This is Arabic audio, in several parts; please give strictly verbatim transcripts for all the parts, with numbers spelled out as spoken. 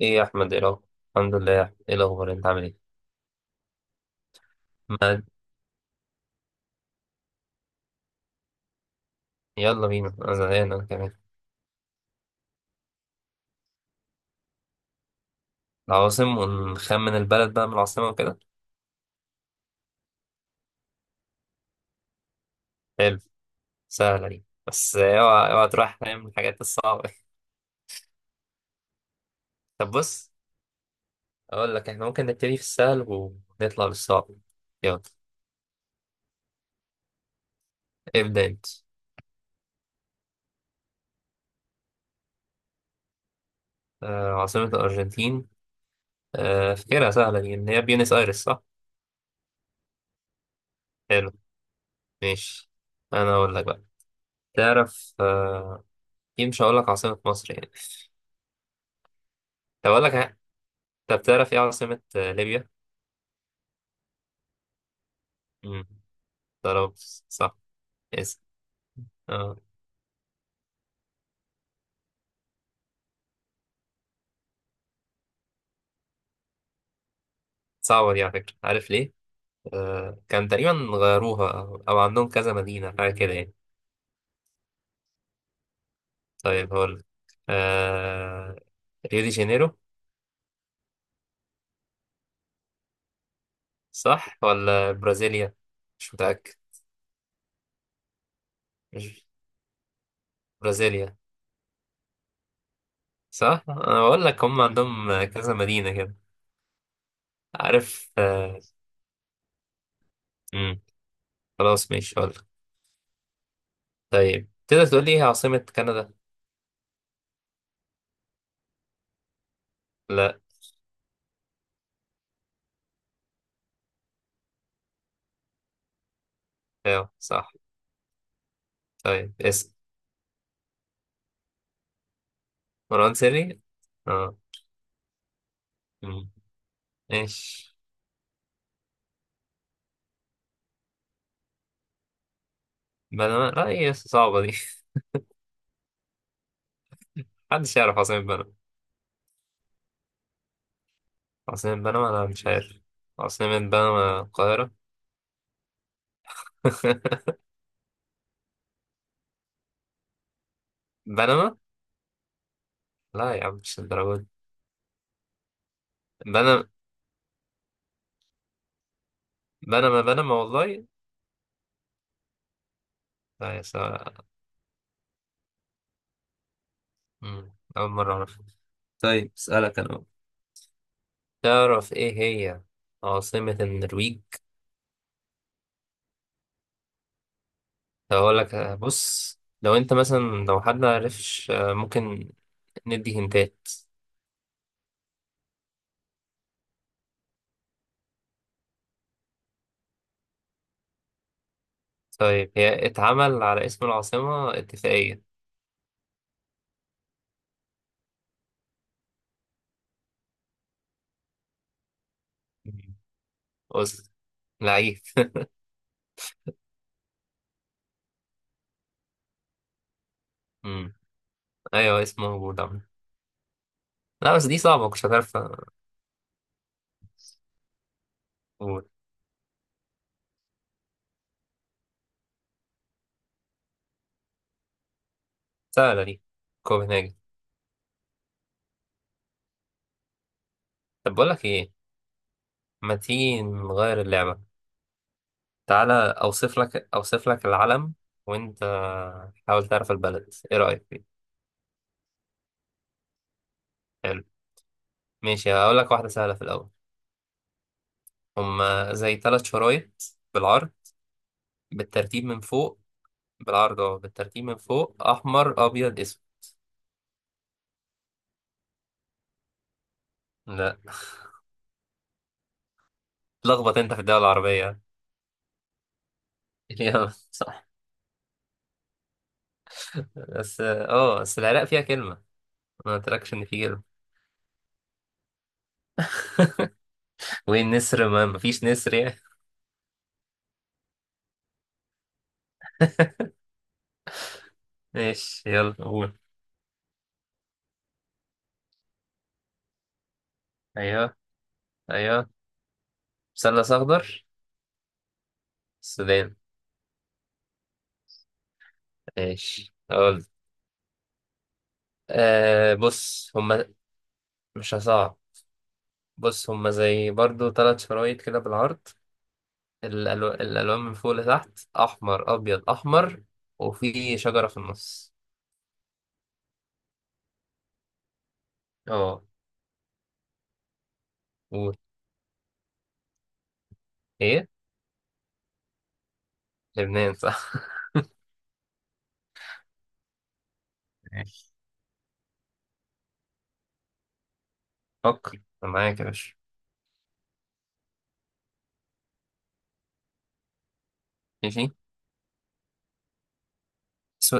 ايه يا احمد، ايه الاخبار؟ الحمد لله يا احمد، ايه الاخبار؟ انت عامل ايه؟ ما يلا بينا، انا زهقان انا كمان. العواصم ونخمن البلد بقى من العاصمه وكده. حلو. سهله دي، بس اوعى اوعى تروح نايم من الحاجات الصعبه. طب بص، اقول لك احنا ممكن نبتدي في السهل ونطلع للصعب. يلا. ابدا انت. آه عاصمه الارجنتين، آه فكرة سهله دي، ان هي بيونس ايرس صح. حلو. ماشي. انا اقول لك بقى. تعرف آه ايه، مش هقول لك عاصمه مصر يعني. طب اقول لك ح- طب تعرف ايه عاصمه آه، ليبيا؟ مم. ضربت. صح. اسم. آه. صعبة دي على فكرة، عارف ليه؟ آه. كان تقريبا غيروها، أو أو عندهم كذا مدينة حاجة كده يعني. طيب هقول. آه. ريو دي جانيرو. صح ولا برازيليا؟ مش متأكد. مش برازيليا، صح؟ أنا بقول لك هم عندهم كذا مدينة كده. عارف آه. مم. خلاص ماشي هقول لك. طيب تقدر تقول لي إيه عاصمة كندا؟ لا. أيوه صح. طيب. اسم. مروان سري؟ اه. مم. ماشي. بنما؟ لا، هي صعبة دي. محدش يعرف عاصمة بنما. عاصمة بنما أنا مش عارف. عاصمة بنما القاهرة. بنما. لا يا عم، مش الدرجة دي. بنما. بنما بنما والله. لا يا سا... مم، أول مرة أعرف. طيب أسألك أنا بقى. تعرف إيه هي عاصمة النرويج؟ هقول لك آه، بص، لو أنت مثلا، لو حد معرفش آه، ممكن ندي هنتات. طيب هي اتعمل على اسم العاصمة اتفاقية. مم. أوسلو. لعيب. ايوه اسمه موجود عم. لا بس دي صعبة، مكنتش هتعرف. اقول. سهلة دي. كوبنهاجن. طب بقول لك ايه، ما تيجي نغير اللعبة. تعالى اوصف لك اوصف لك العلم، وانت حاول تعرف البلد، ايه رأيك فيه؟ حلو. ماشي هقول لك واحدة سهلة في الاول. هما زي ثلاث شرايط بالعرض، بالترتيب من فوق. بالعرض، اه، بالترتيب من فوق، احمر ابيض اسود. لا، اتلخبط انت في الدولة العربية. يلا صح. بس اه آه، بس العراق فيها كلمة، ما قلتلكش ان في كلمة. وين نسر؟ ما مفيش نسر يعني. ماشي يلا قول. ايوه. ايوه، مثلث اخضر. السودان. ماشي. اقول. آه، بص هما. مش هصعب. بص هما زي برضو ثلاث شرايط كده بالعرض. الألو... الالوان من فوق لتحت، احمر ابيض احمر، وفي شجره في النص. اه. قول. ايه؟ لبنان. صح. ماشي. فكر، أنا معاك يا باشا. ماشي. سو...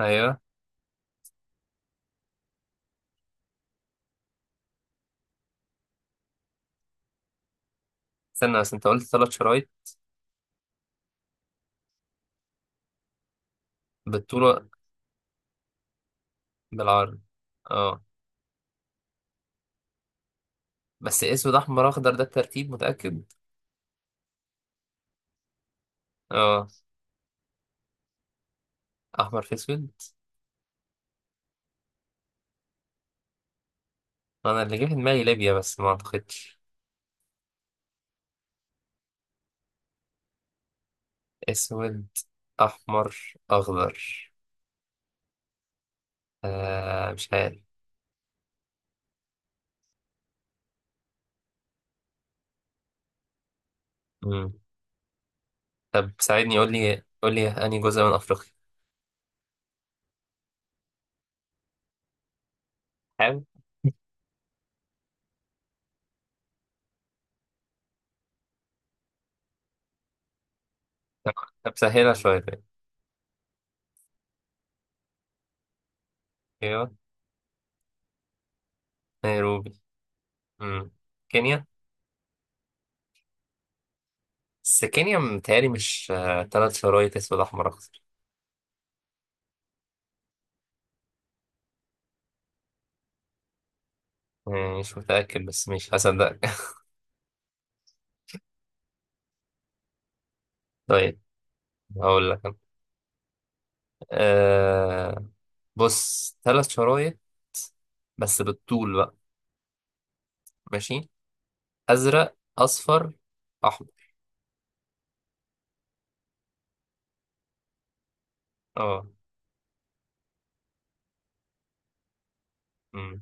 ايوه. استنى بس، انت قلت ثلاث شرايط. بالطول. بالعرض. اه. بس اسود احمر اخضر ده الترتيب، متأكد؟ اه. احمر في اسود. انا اللي جه في دماغي ليبيا بس ما اعتقدش. اسود احمر اخضر، آه مش عارف. مم. طب ساعدني، قول لي قول لي انهي جزء من افريقيا. حاول. طب طب سهلها شويه طيب. ايوه. نيروبي. مم. كينيا. بس كينيا متهيألي مش آه تلات شرايط اسود احمر اخضر. يعني مش متأكد بس مش هصدقك. طيب هقول لك أنا. آه. بص ثلاث شرايط، بس بالطول بقى. ماشي. أزرق أصفر. أحمر. اه. أمم،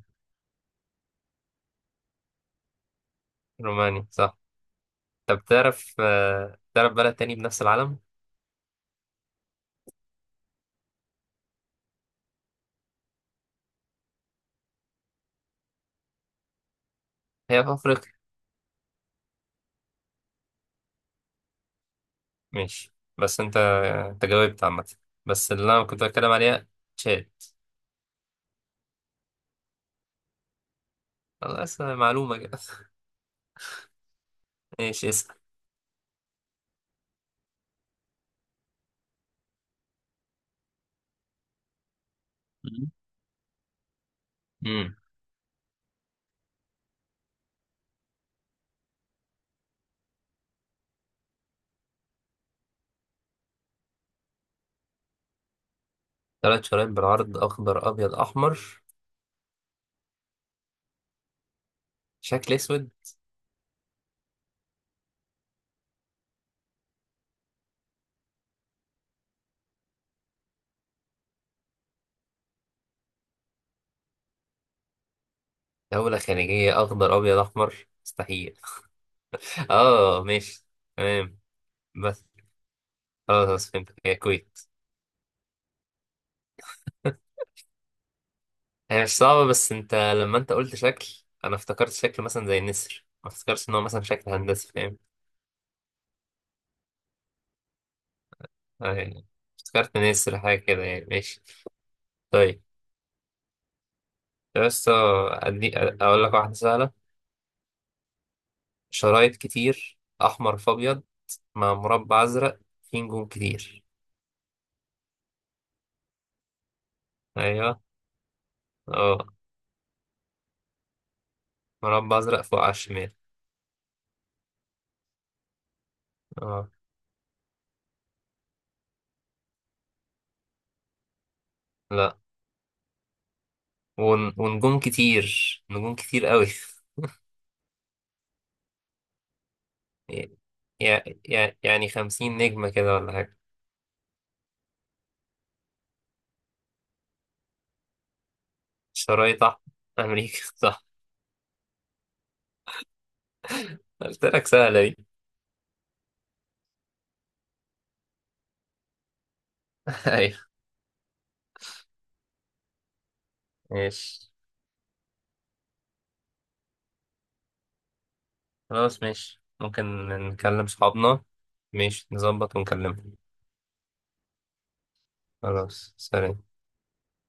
روماني صح. طب تعرف آه، تعرف بلد تاني بنفس العلم. هي في أفريقيا. ماشي بس أنت. أنت جاوبت عامة. بس اللي أنا كنت بتكلم عليها، تشاد. خلاص معلومة كده. ماشي اسأل. امم. ثلاث شرايين بالعرض، أخضر أبيض أحمر. شكل أسود. دولة خليجية أخضر أبيض أحمر؟ مستحيل. اه ماشي. تمام. بس. خلاص فهمت، هي الكويت. هي مش صعبة، بس انت لما انت قلت شكل، انا افتكرت شكل مثلا زي النسر، ما افتكرتش ان هو مثلا شكل هندسي، فاهم؟ اه يعني، افتكرت نسر حاجة كده يعني. ماشي. طيب. بس ادي اقول لك واحدة سهلة. شرايط كتير احمر في ابيض، مع مربع ازرق فيه نجوم كتير. ايوه. اه، مربع ازرق فوق على الشمال. اه. لا. ون... ونجوم كتير. نجوم كتير قوي. يعني يعني خمسين نجمة كده ولا حاجة. شرايط أحمر. أمريكا. قلت لك سهلة دي. أيوة. ماشي. خلاص ماشي ممكن نكلم صحابنا. ماشي نظبط ونكلمهم. خلاص سلام.